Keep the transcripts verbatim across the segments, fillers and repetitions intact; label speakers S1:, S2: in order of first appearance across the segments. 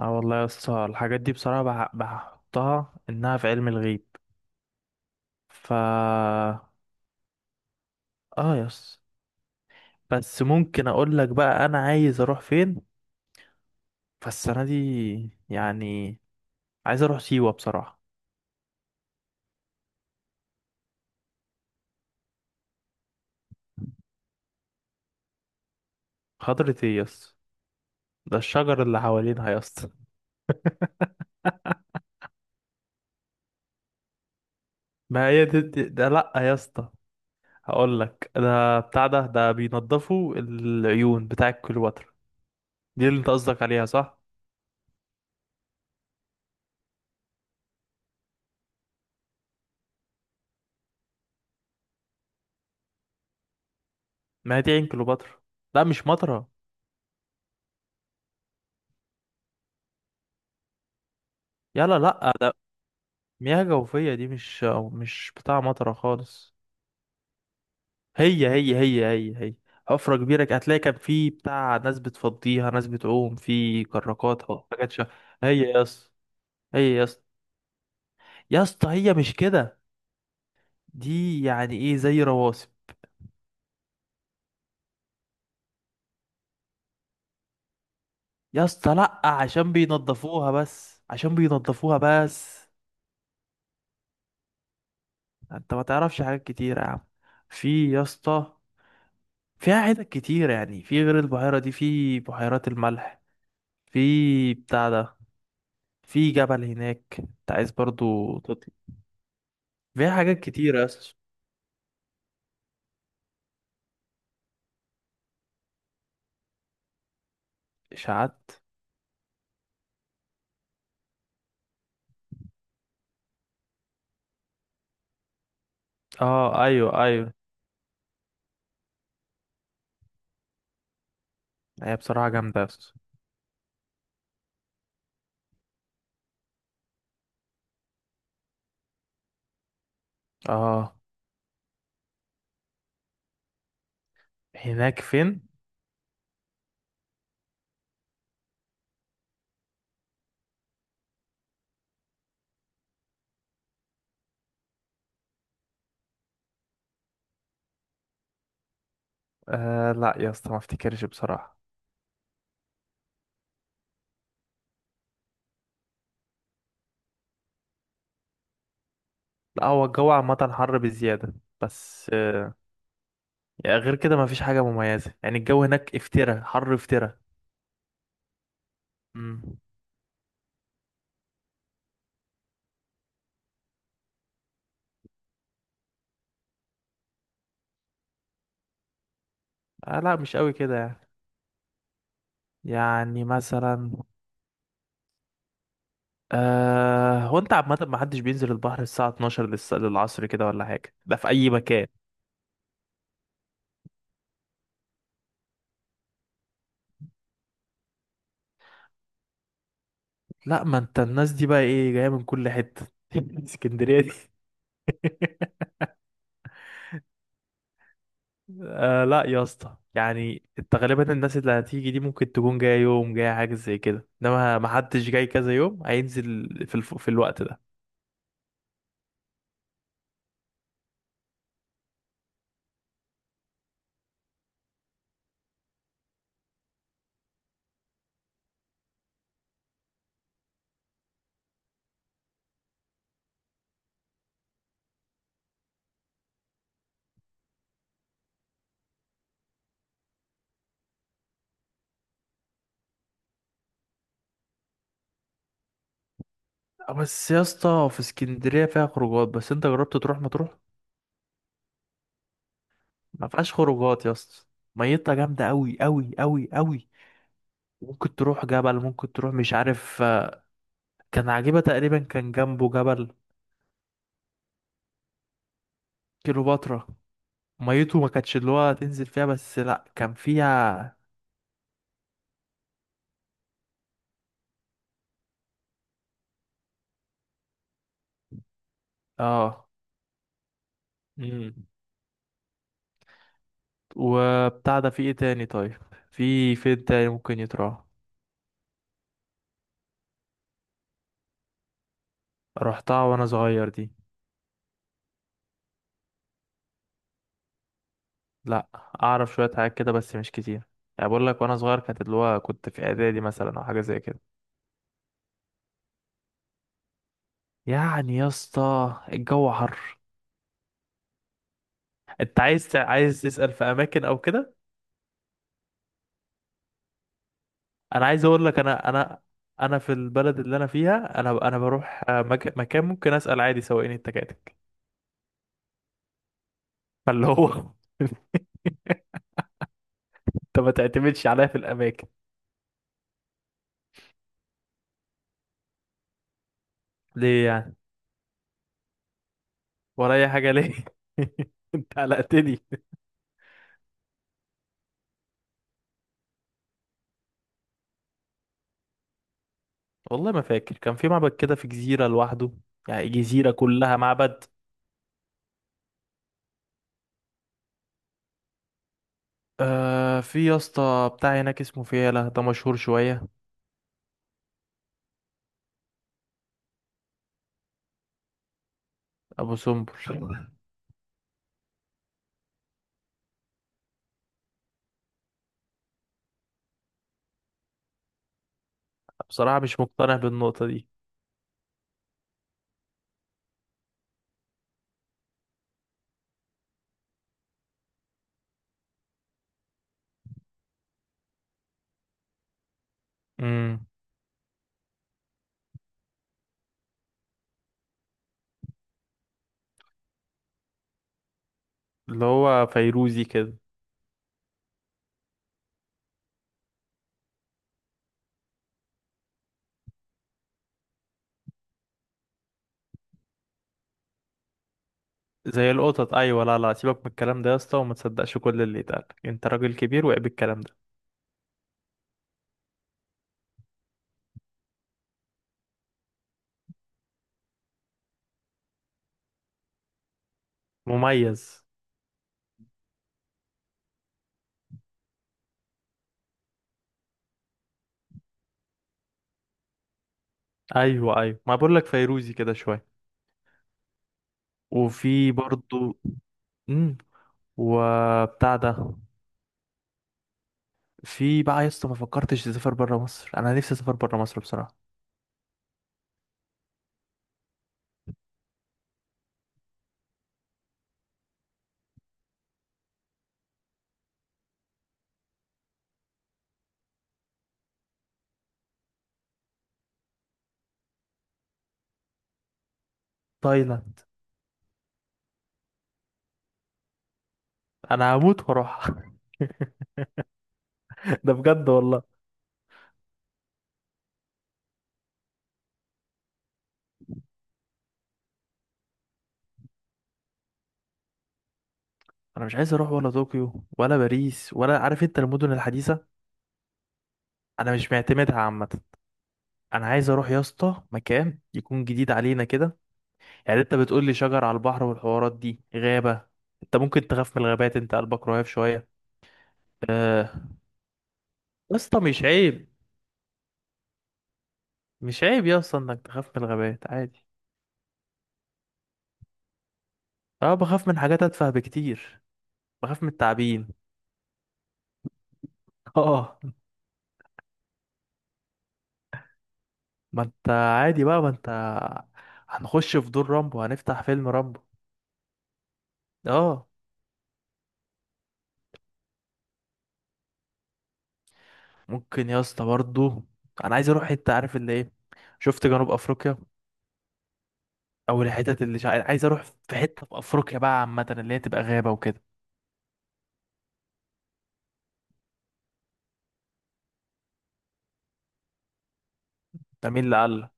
S1: اه والله يا اسطى، الحاجات دي بصراحة بح- بحطها انها في علم الغيب. ف اه يا اسطى، بس ممكن اقول لك بقى انا عايز اروح فين فالسنة دي. يعني عايز اروح سيوة بصراحة. خضرة ايه يا اسطى؟ ده الشجر اللي حوالينها يا اسطى. ما هي دي دي- ده، لا يا اسطى. هقول لك ده بتاع ده ده بينضفوا العيون بتاع كليوباترا. دي اللي انت قصدك عليها، صح؟ ما هي دي عين كليوباترا. لا مش مطرة. يلا لا، مياه جوفية دي، مش مش بتاع مطرة خالص. هي هي هي هي هي حفرة كبيرة كده. هتلاقي كان في بتاع ناس بتفضيها، ناس بتعوم في كراكات أو حاجات شا... هي يا اسطى، هي يا اسطى، يا اسطى هي مش كده. دي يعني ايه زي رواسب. يا اسطى لأ، عشان بينضفوها، بس عشان بينضفوها بس. انت ما تعرفش حاجات كتيرة يا عم. في يا اسطى، فيها حتت كتيرة، يعني في غير البحيرة دي في بحيرات الملح، في بتاع ده، في جبل هناك انت عايز برضو تطلع. فيها حاجات كتيرة يا اسطى. اشاعات؟ اه ايوه ايوه. هي بصراحة جامدة يا اسطى. اه. هناك فين؟ آه لا يا اسطى، ما افتكرش بصراحة. لا هو الجو عامة حر بزيادة، بس آه يعني غير كده ما فيش حاجة مميزة، يعني الجو هناك افترا حر افترا. امم آه لا مش قوي كده يعني. يعني مثلا آه هو انت عامة ما حدش بينزل البحر الساعة الاتناشر للس- للعصر كده ولا حاجة، ده في أي مكان. لا ما انت الناس دي بقى ايه جايه من كل حته. اسكندريه دي. آه لا يا اسطى، يعني انت غالبا الناس اللي هتيجي دي ممكن تكون جايه يوم، جايه حاجه زي كده، انما ما حدش جاي كذا يوم هينزل في الف... في الوقت ده. آه، بس يا اسطى، في اسكندريه فيها خروجات، بس انت جربت تروح ما تروح. ما فيهاش خروجات يا اسطى. ميتها جامده قوي قوي قوي قوي. ممكن تروح جبل، ممكن تروح مش عارف. آه، كان عجيبه تقريبا كان جنبه جبل. كيلوباترا، ميته ما كانتش اللي هو تنزل فيها، بس لا كان فيها. اه. امم وبتاع ده، في ايه تاني طيب؟ في فين تاني ممكن يتراح؟ رحتها وانا صغير دي. لا، اعرف شوية حاجات كده بس مش كتير. يعني بقول لك وانا صغير كانت اللي هو كنت في اعدادي مثلا او حاجة زي كده. يعني يا اسطى الجو حر. انت عايز تع- عايز تسأل في اماكن او كده؟ انا عايز اقول لك، انا انا انا في البلد اللي انا فيها، انا انا بروح آه، مك... مكان ممكن اسأل عادي سواقين التكاتك. فاللي هو انت ما تعتمدش عليا في الاماكن. ليه يعني؟ ورايا حاجه ليه؟ انت قلقتني. والله ما فاكر، كان في معبد كده في جزيره لوحده، يعني جزيره كلها معبد. آه في يا اسطى بتاع هناك اسمه فيلة، ده مشهور شويه. ابو سمبل. بصراحه مش مقتنع بالنقطه دي. امم اللي هو فيروزي كده. زي القطط، ايوه. لا لا، سيبك من الكلام ده يا اسطى، وما تصدقش كل اللي يتقال. انت راجل كبير، وعيب الكلام ده. مميز. ايوه ايوه، ما بقول لك فيروزي كده شويه. وفي برضو. امم وبتاع ده، في بقى يا اسطى، ما فكرتش تسافر بره مصر؟ انا نفسي اسافر بره مصر بصراحه. تايلاند. انا هموت واروح. ده بجد والله. انا مش عايز اروح ولا طوكيو ولا باريس ولا، عارف انت، المدن الحديثه. انا مش معتمدها عامه. انا عايز اروح يا اسطى مكان يكون جديد علينا كده. يعني انت بتقول لي شجر على البحر والحوارات دي، غابه. انت ممكن تخاف من الغابات، انت قلبك رهيف شويه. آه، يا اسطى مش عيب، مش عيب يا اسطى انك تخاف من الغابات، عادي. اه، بخاف من حاجات اتفه بكتير. بخاف من التعابين. اه. ما انت عادي بقى، ما انت هنخش في دور رامبو، هنفتح فيلم رامبو. اه. ممكن يا اسطى برضه، انا عايز اروح حته، عارف اللي ايه، شفت جنوب افريقيا او الحتت اللي شع... عايز اروح في حته في افريقيا بقى عامه اللي هي تبقى غابه وكده. ده مين اللي قال؟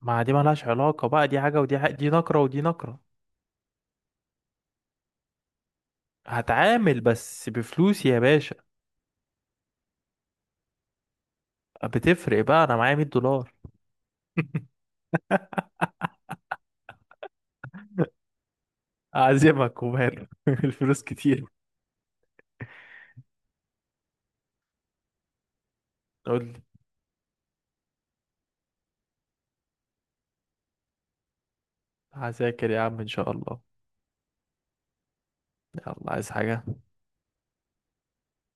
S1: ما دي مالهاش علاقه بقى، دي حاجه ودي حاجة، دي نقره ودي نقره. هتعامل بس بفلوسي يا باشا. بتفرق بقى، انا معايا مية دولار. أعزمك وماله. الفلوس كتير. قول لي. هذاكر يا عم إن شاء الله. يلا، عايز حاجة؟